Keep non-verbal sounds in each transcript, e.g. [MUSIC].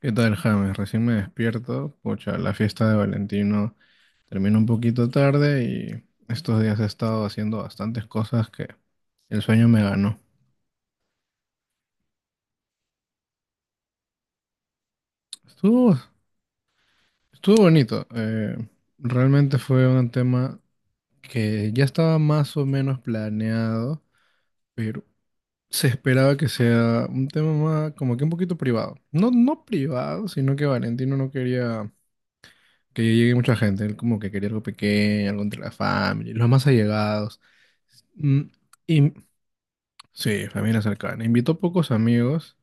¿Qué tal, James? Recién me despierto. Pucha, la fiesta de Valentino terminó un poquito tarde y estos días he estado haciendo bastantes cosas que el sueño me ganó. Estuvo, estuvo bonito. Realmente fue un tema que ya estaba más o menos planeado, pero se esperaba que sea un tema más, como que un poquito privado. No, no privado, sino que Valentino no quería que llegue mucha gente. Él como que quería algo pequeño, algo entre la familia, los más allegados. Mm, y sí, familia cercana. Invitó pocos amigos,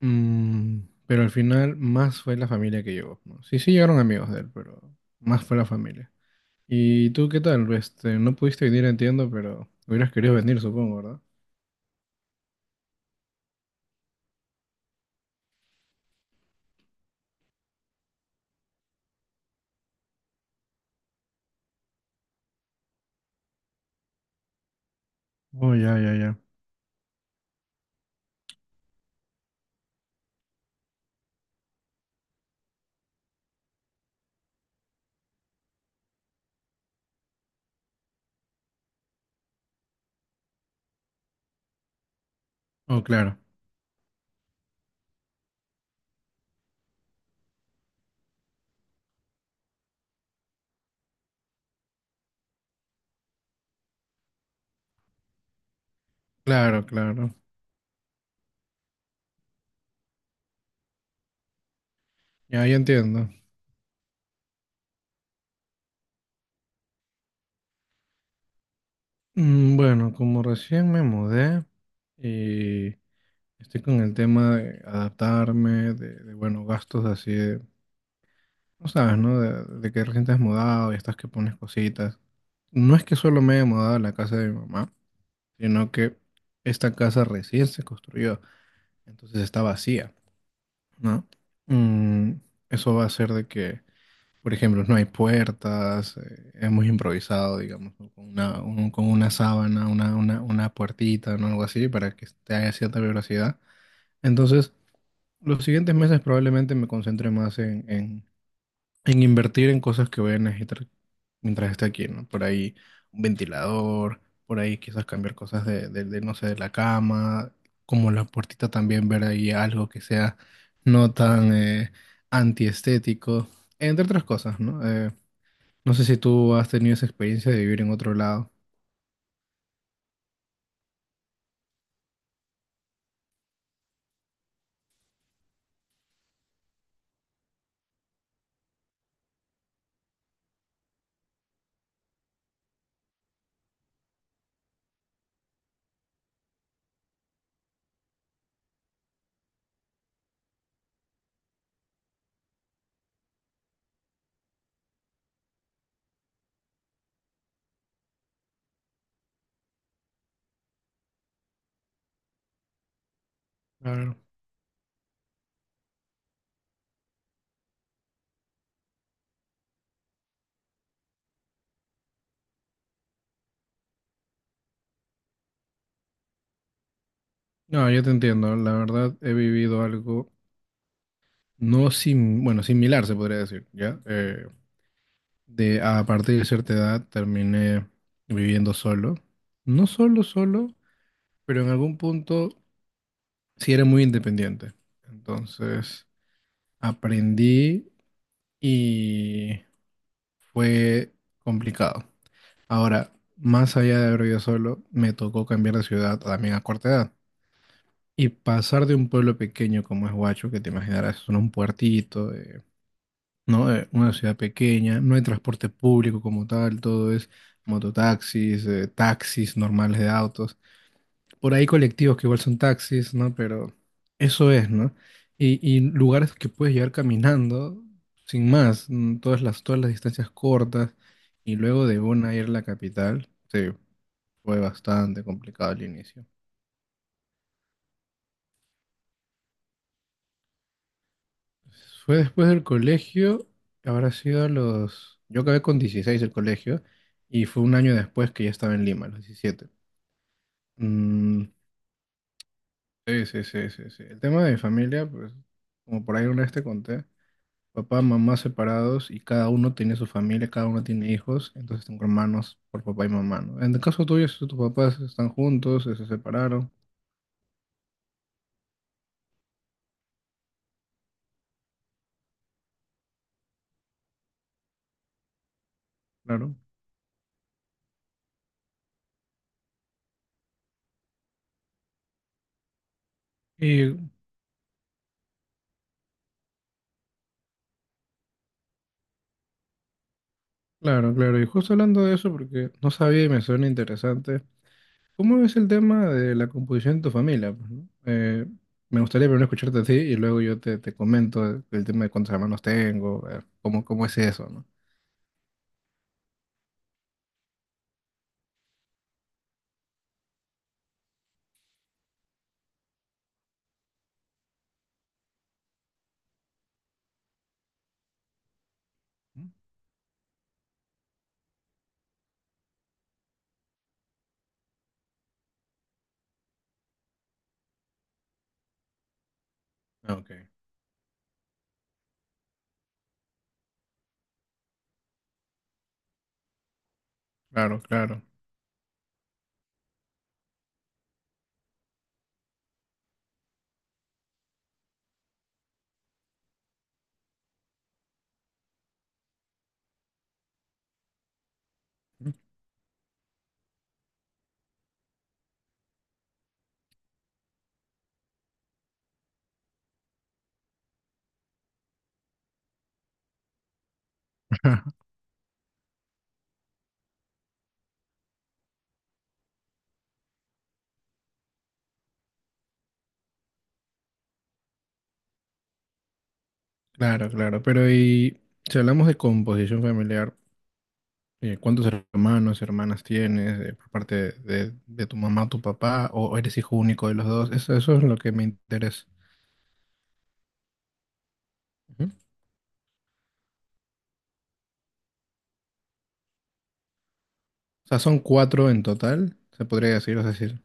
mm, pero al final más fue la familia que llegó, ¿no? Sí, sí llegaron amigos de él, pero más fue la familia. ¿Y tú qué tal? Este, no pudiste venir, entiendo, pero hubieras querido venir, supongo, ¿verdad? Oh, ya, ya, ya. Oh, claro. Claro, claro. Ya, ya entiendo. Mm, bueno, como recién me mudé, y estoy con el tema de adaptarme, bueno, gastos así de, no sabes, ¿no? De que recién te has mudado y estás que pones cositas. No es que solo me he mudado a la casa de mi mamá, sino que esta casa recién se construyó, entonces está vacía, ¿no? Mm, eso va a ser de que, por ejemplo, no hay puertas, hemos improvisado, digamos, ¿no? Con una, con una sábana, una puertita, ¿no? Algo así, para que esté a cierta velocidad. Entonces, los siguientes meses probablemente me concentre más en invertir en cosas que voy a necesitar mientras esté aquí, ¿no? Por ahí un ventilador, por ahí quizás cambiar cosas no sé, de la cama, como la puertita también ver ahí algo que sea no tan antiestético, entre otras cosas, ¿no? No sé si tú has tenido esa experiencia de vivir en otro lado. Claro. No, yo te entiendo. La verdad, he vivido algo no sim, bueno, similar, se podría decir, ¿ya? De a partir de cierta edad terminé viviendo solo. No solo, solo, pero en algún punto sí era muy independiente. Entonces aprendí y fue complicado. Ahora, más allá de haber vivido solo, me tocó cambiar de ciudad también a corta edad. Y pasar de un pueblo pequeño como es Huacho, que te imaginarás, es un puertito, ¿no? Una ciudad pequeña, no hay transporte público como tal, todo es mototaxis, taxis normales de autos. Por ahí colectivos que igual son taxis, ¿no? Pero eso es, ¿no? Y lugares que puedes llegar caminando sin más, mm, todas las distancias cortas. Y luego de Bona ir a la capital, sí, fue bastante complicado al inicio. Fue después del colegio, habrá sido a los... Yo acabé con 16 el colegio y fue un año después que ya estaba en Lima, a los 17. Mm, sí, sí, sí, sí, sí. El tema de mi familia, pues, como por ahí una vez te conté, papá, mamá separados y cada uno tiene su familia, cada uno tiene hijos, entonces tengo hermanos por papá y mamá, ¿no? En el caso tuyo, si tus papás están juntos, se separaron, claro. Y claro, claro, y justo hablando de eso, porque no sabía y me suena interesante. ¿Cómo es el tema de la composición de tu familia, pues, no? Me gustaría primero escucharte a ti y luego yo te comento el tema de cuántos hermanos tengo, cómo, cómo es eso, ¿no? Ah, ok, claro, claro, [LAUGHS] claro, claro. Pero y si hablamos de composición familiar, ¿cuántos hermanos, hermanas tienes por parte de tu mamá, tu papá, o eres hijo único de los dos? Eso es lo que me interesa. Ujú. O sea, son cuatro en total, se podría decir, es decir.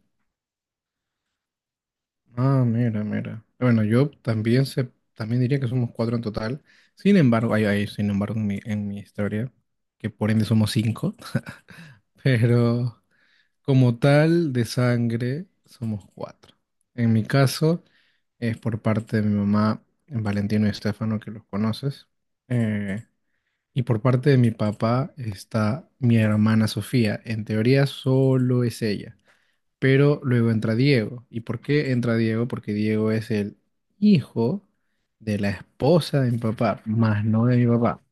Ah, mira, mira. Bueno, yo también se, también diría que somos cuatro en total. Sin embargo, hay, sin embargo, en mi historia, que por ende somos cinco, [LAUGHS] pero como tal de sangre somos cuatro. En mi caso es por parte de mi mamá, Valentino y Estefano, que los conoces. Eh, y por parte de mi papá está mi hermana Sofía. En teoría solo es ella. Pero luego entra Diego. ¿Y por qué entra Diego? Porque Diego es el hijo de la esposa de mi papá, más no de mi papá.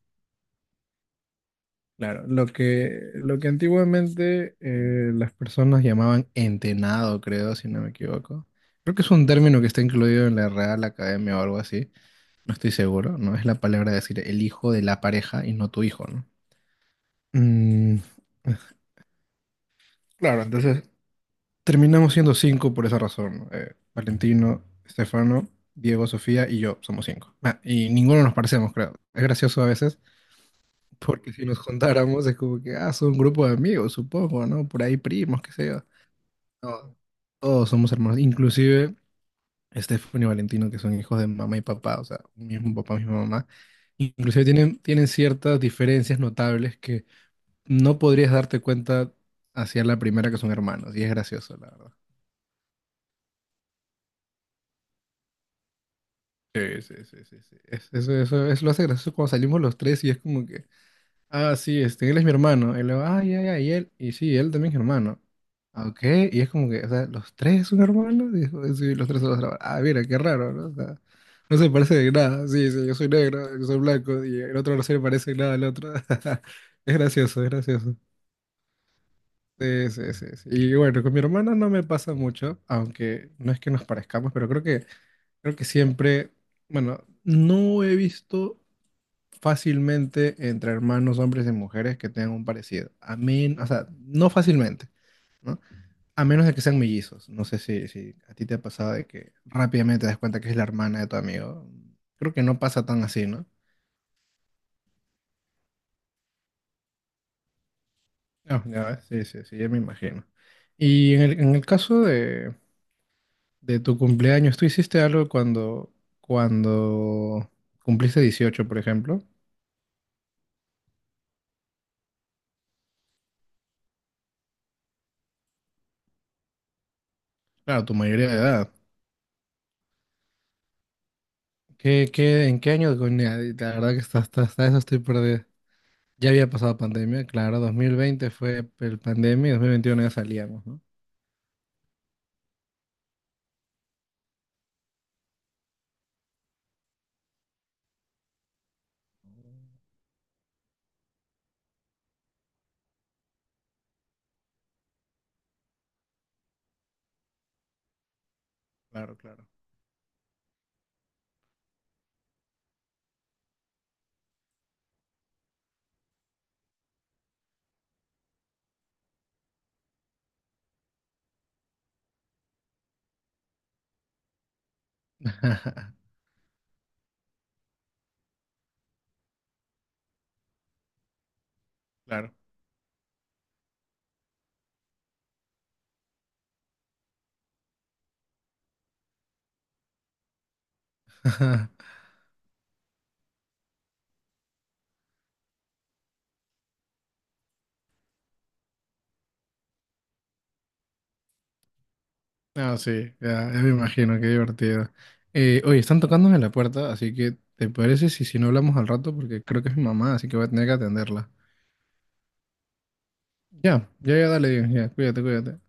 Claro, lo que antiguamente las personas llamaban entenado, creo, si no me equivoco. Creo que es un término que está incluido en la Real Academia o algo así. No estoy seguro, ¿no? Es la palabra de decir el hijo de la pareja y no tu hijo, ¿no? Mm, claro, entonces terminamos siendo cinco por esa razón, ¿no? Valentino, Estefano, Diego, Sofía y yo somos cinco. Ah, y ninguno nos parecemos, creo. Es gracioso a veces, porque si nos juntáramos es como que, ah, son un grupo de amigos, supongo, ¿no? Por ahí primos, qué sé yo. No, todos somos hermanos, inclusive Estefano y Valentino, que son hijos de mamá y papá, o sea, mismo papá, misma mamá. Inclusive tienen ciertas diferencias notables que no podrías darte cuenta hacia la primera que son hermanos, y es gracioso, la verdad. Sí, sí, sí, sí, sí. Eso, eso lo hace gracioso cuando salimos los tres y es como que, ah, sí, este, él es mi hermano. Él, ah, ya, ya, y él, y sí, él también es mi hermano. Ah, ok, y es como que, o sea, los tres son hermanos. Y, dijo, sí, los tres son los hermanos. Ah, mira, qué raro, ¿no? O sea, no se parece de nada. Sí, sí, yo soy negro, yo soy blanco, y el otro no se le parece nada al otro. [LAUGHS] Es gracioso, es gracioso. Sí, sí, sí, sí. Y bueno, con mi hermana no me pasa mucho, aunque no es que nos parezcamos, pero creo que. Creo que siempre, bueno, no he visto fácilmente entre hermanos, hombres y mujeres que tengan un parecido. O sea, no fácilmente, ¿no? A menos de que sean mellizos. No sé si a ti te ha pasado de que rápidamente te das cuenta que es la hermana de tu amigo. Creo que no pasa tan así, ¿no? No, ya ves, sí, sí, sí, ya me imagino. Y en el caso de tu cumpleaños, ¿tú hiciste algo cuando, cuando cumpliste 18 por ejemplo? Claro, tu mayoría de edad. ¿Qué, qué, en qué año, coño? La verdad que hasta eso estoy perdido. Ya había pasado pandemia, claro, 2020 fue el pandemia y 2021 ya salíamos, ¿no? Claro, claro, [LAUGHS] claro. [LAUGHS] No, sí, ya, ya me imagino, qué divertido. Oye, están tocándome la puerta, así que ¿te parece si, si no hablamos al rato? Porque creo que es mi mamá, así que voy a tener que atenderla. Ya, ya, ya, dale, ya, cuídate, cuídate.